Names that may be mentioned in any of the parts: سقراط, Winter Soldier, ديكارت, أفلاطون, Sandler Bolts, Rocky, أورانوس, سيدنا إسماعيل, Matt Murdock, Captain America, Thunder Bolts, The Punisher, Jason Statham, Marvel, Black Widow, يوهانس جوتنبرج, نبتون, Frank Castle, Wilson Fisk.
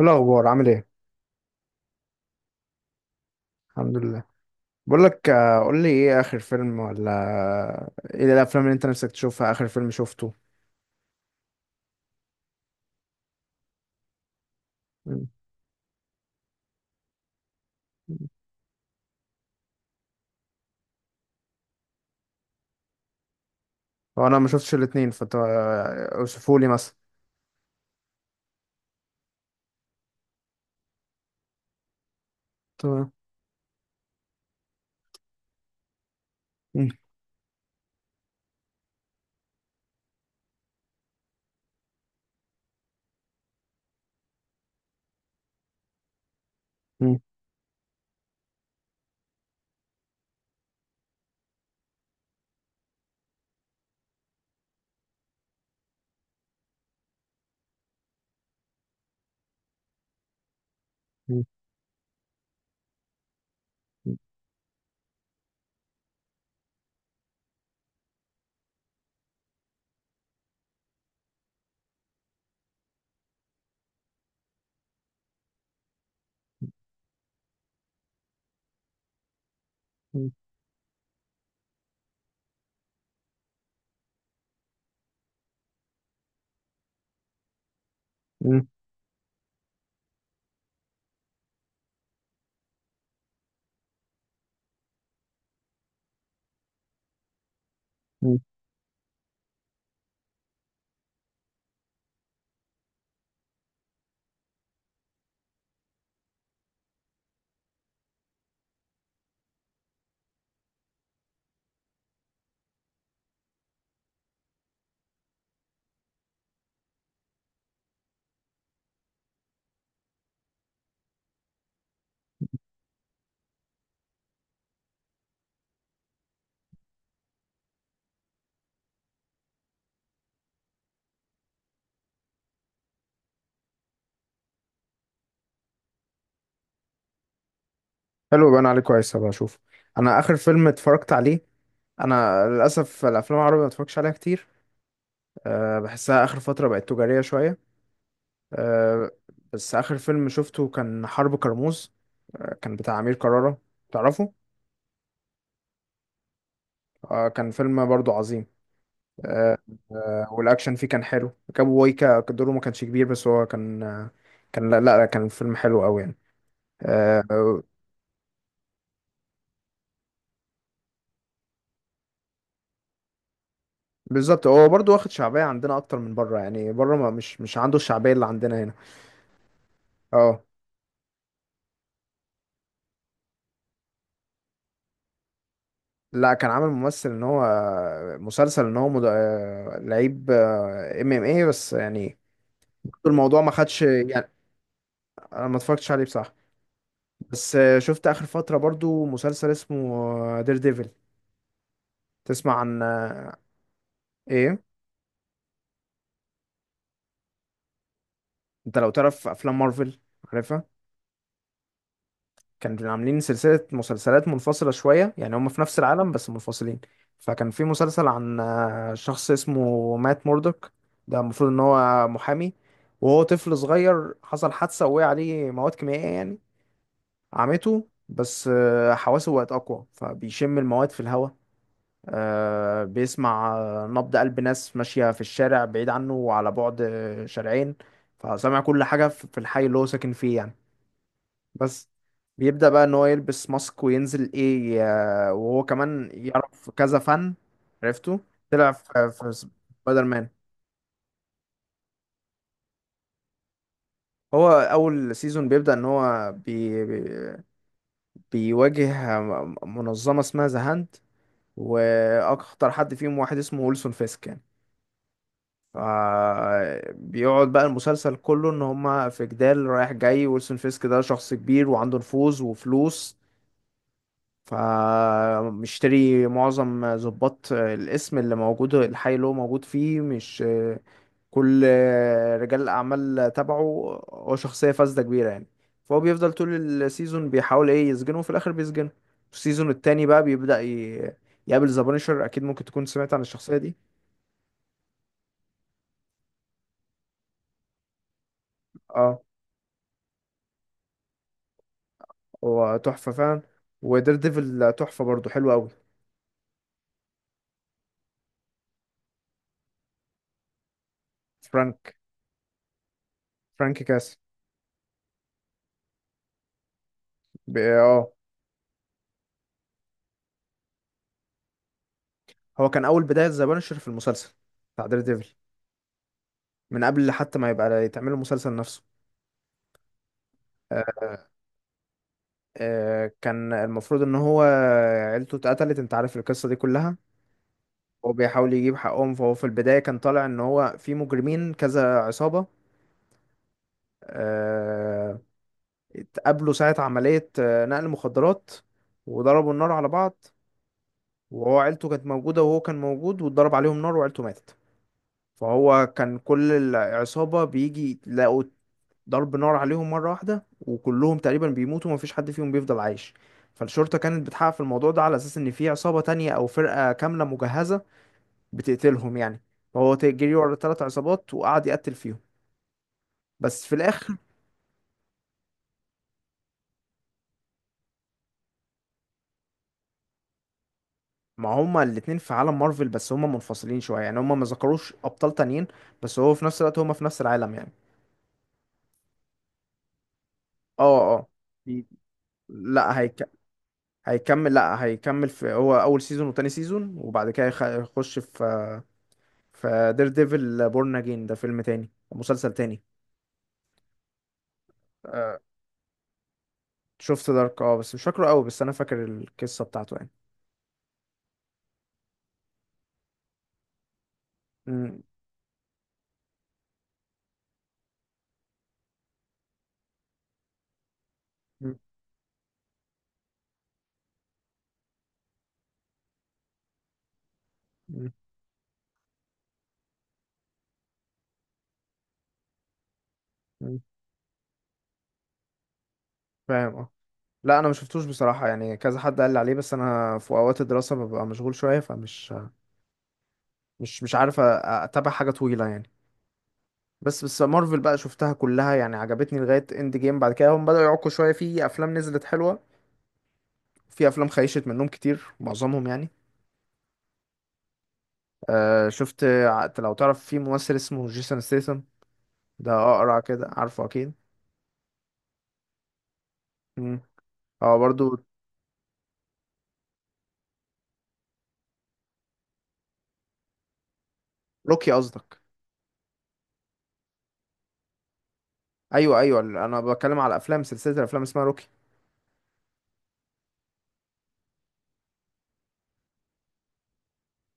إيه الأخبار عامل إيه؟ الحمد لله. بقول لك، قول لي إيه آخر فيلم، ولا إيه الأفلام اللي أنت نفسك تشوفها؟ آخر فيلم شفته؟ مم. هو أنا ما شفتش الاتنين، أوصفوا لي مثلا. تمام. مم. مم. مم. مم. مم. مم. حلو، يبقى أنا عليه كويس، هبقى أشوف. أنا آخر فيلم اتفرجت عليه، أنا للأسف الأفلام العربية ما اتفرجش عليها كتير. أه، بحسها آخر فترة بقت تجارية شوية. أه. بس آخر فيلم شفته كان حرب كرموز. أه، كان بتاع أمير كرارة. تعرفه؟ آه، كان فيلم برضو عظيم. آه، آه. والأكشن فيه كان حلو، كابو وايكا دوره ما كانش كبير، بس هو كان لا لا، كان فيلم حلو أوي يعني. آه. آه. بالظبط، هو برضو واخد شعبية عندنا أكتر من بره، يعني بره ما مش عنده الشعبية اللي عندنا هنا. اه. لا، كان عامل ممثل ان هو مسلسل ان هو مد... آه، لعيب MMA، بس يعني الموضوع ما خدش يعني. انا ما اتفرجتش عليه بصراحة. بس شفت اخر فترة برضو مسلسل اسمه دير ديفل. تسمع عن ايه؟ انت لو تعرف افلام مارفل؟ عارفها. كانوا عاملين سلسله مسلسلات منفصله شويه، يعني هم في نفس العالم بس منفصلين. فكان في مسلسل عن شخص اسمه مات موردوك. ده المفروض ان هو محامي. وهو طفل صغير حصل حادثه، وقع عليه مواد كيميائيه يعني عمته، بس حواسه بقت اقوى، فبيشم المواد في الهواء. بيسمع نبض قلب ناس ماشيه في الشارع، بعيد عنه وعلى بعد شارعين. فسمع كل حاجه في الحي اللي هو ساكن فيه يعني. بس. بيبدأ بقى ان هو يلبس ماسك وينزل ايه. وهو كمان يعرف كذا فن. عرفته. طلع في سبايدر مان. هو اول سيزون بيبدأ ان هو بيواجه منظمة اسمها ذا هاند. واخطر حد فيهم واحد اسمه ويلسون فيسك يعني. ف- بيقعد بقى المسلسل كله ان هما في جدال رايح جاي. ويلسون فيسك ده شخص كبير، وعنده نفوذ وفلوس. فمشتري معظم ضباط الاسم اللي موجود الحي اللي هو موجود فيه، مش كل رجال الأعمال تبعه. هو شخصية فاسدة كبيرة يعني. فهو بيفضل طول السيزون بيحاول ايه يسجنه، وفي الآخر بيسجنه. السيزون التاني بقى بيبدأ يقابل ذا بانشر، أكيد ممكن تكون سمعت عن الشخصية دي. اه. هو تحفة فعلا. ودير ديفل تحفة برضه، حلو أوي. فرانك. فرانك كاس. اه. هو كان أول بداية ذا بانشر في المسلسل بتاع دير ديفل، من قبل حتى ما يبقى يتعمل المسلسل نفسه. آه. كان المفروض ان هو عيلته اتقتلت. انت عارف القصة دي كلها. هو بيحاول يجيب حقهم، فهو في البداية كان طالع ان هو في مجرمين، كذا عصابة. آه. اتقابلوا ساعة عملية نقل مخدرات. وضربوا النار على بعض. وهو عيلته كانت موجودة، وهو كان موجود، واتضرب عليهم نار وعيلته ماتت. فهو كان كل العصابة بيجي يلاقوا ضرب نار عليهم مرة واحدة، وكلهم تقريبا بيموتوا ومفيش حد فيهم بيفضل عايش. فالشرطة كانت بتحقق في الموضوع ده على أساس إن في عصابة تانية أو فرقة كاملة مجهزة بتقتلهم يعني. فهو جري ورا تلات عصابات وقعد يقتل فيهم. بس في الآخر. ما هما الاتنين في عالم مارفل، بس هما منفصلين شوية يعني، هما ما ذكروش أبطال تانيين. بس هو في نفس الوقت هما في نفس العالم يعني. اه اه. في- لا هيكمل، لا هيكمل. في هو أول سيزون وتاني سيزون، وبعد كده يخش في فدير ديفل بورن اجين، ده فيلم تاني، مسلسل تاني. آه. شفت دارك، اه، بس مش فاكره قوي، بس انا فاكر القصه بتاعته يعني. مم. مم. مم. مم. فاهم اه. لا، انا ما شفتوش بصراحه يعني، كذا حد قال لي عليه، بس انا في اوقات الدراسه ببقى مشغول شويه، فمش مش مش عارف اتابع حاجه طويله يعني. بس مارفل بقى شفتها كلها يعني، عجبتني لغايه اند جيم، بعد كده هم بداوا يعكوا شويه. في افلام نزلت حلوه، في افلام خيشت منهم كتير، معظمهم يعني. لو تعرف في ممثل اسمه جيسون ستيثم؟ ده اقرع كده، عارفه اكيد. مم. اه برضو. روكي قصدك؟ ايوه ايوه، انا بتكلم على افلام، سلسله الافلام اسمها روكي.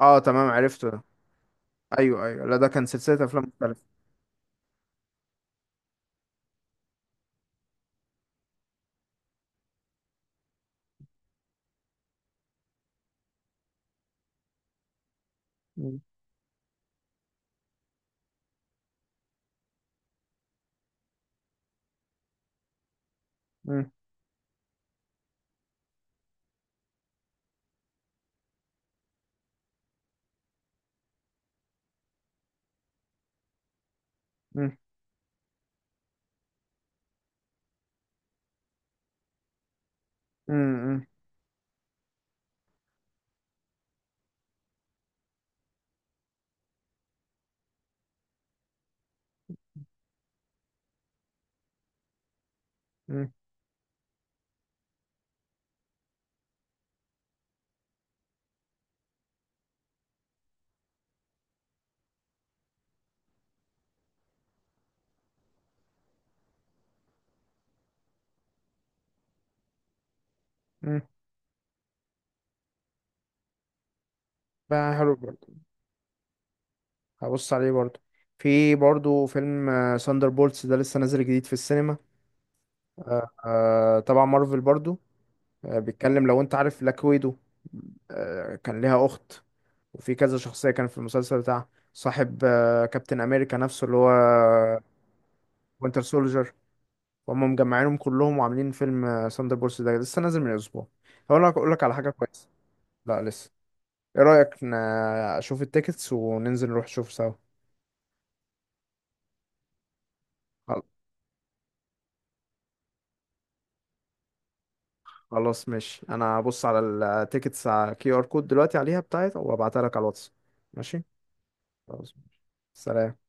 اه تمام، عرفته ده. ايوه ايوه، لا، ده كان سلسله افلام مختلفه. مم. مم. مم. مم. مم. مم. بقى حلو برضو، هبص عليه برضو. في برضو فيلم، ساندر بولتس، ده لسه نازل جديد في السينما. آه آه، طبعا مارفل برضو. آه، بيتكلم لو انت عارف بلاك ويدو، كان ليها اخت. وفي كذا شخصيه كان في المسلسل بتاع صاحب كابتن امريكا نفسه، اللي هو وينتر سولجر. وهم مجمعينهم كلهم وعاملين فيلم ثاندر بولس، ده لسه نازل من اسبوع. هقول لك اقول لك على حاجه كويسه. لا لسه. ايه رايك، اشوف التيكتس وننزل نروح نشوف سوا؟ خل- خلاص ماشي، انا هبص على التيكتس على QR code دلوقتي، عليها بتاعت، وابعتها لك على الواتس. ماشي. خلاص. سلام.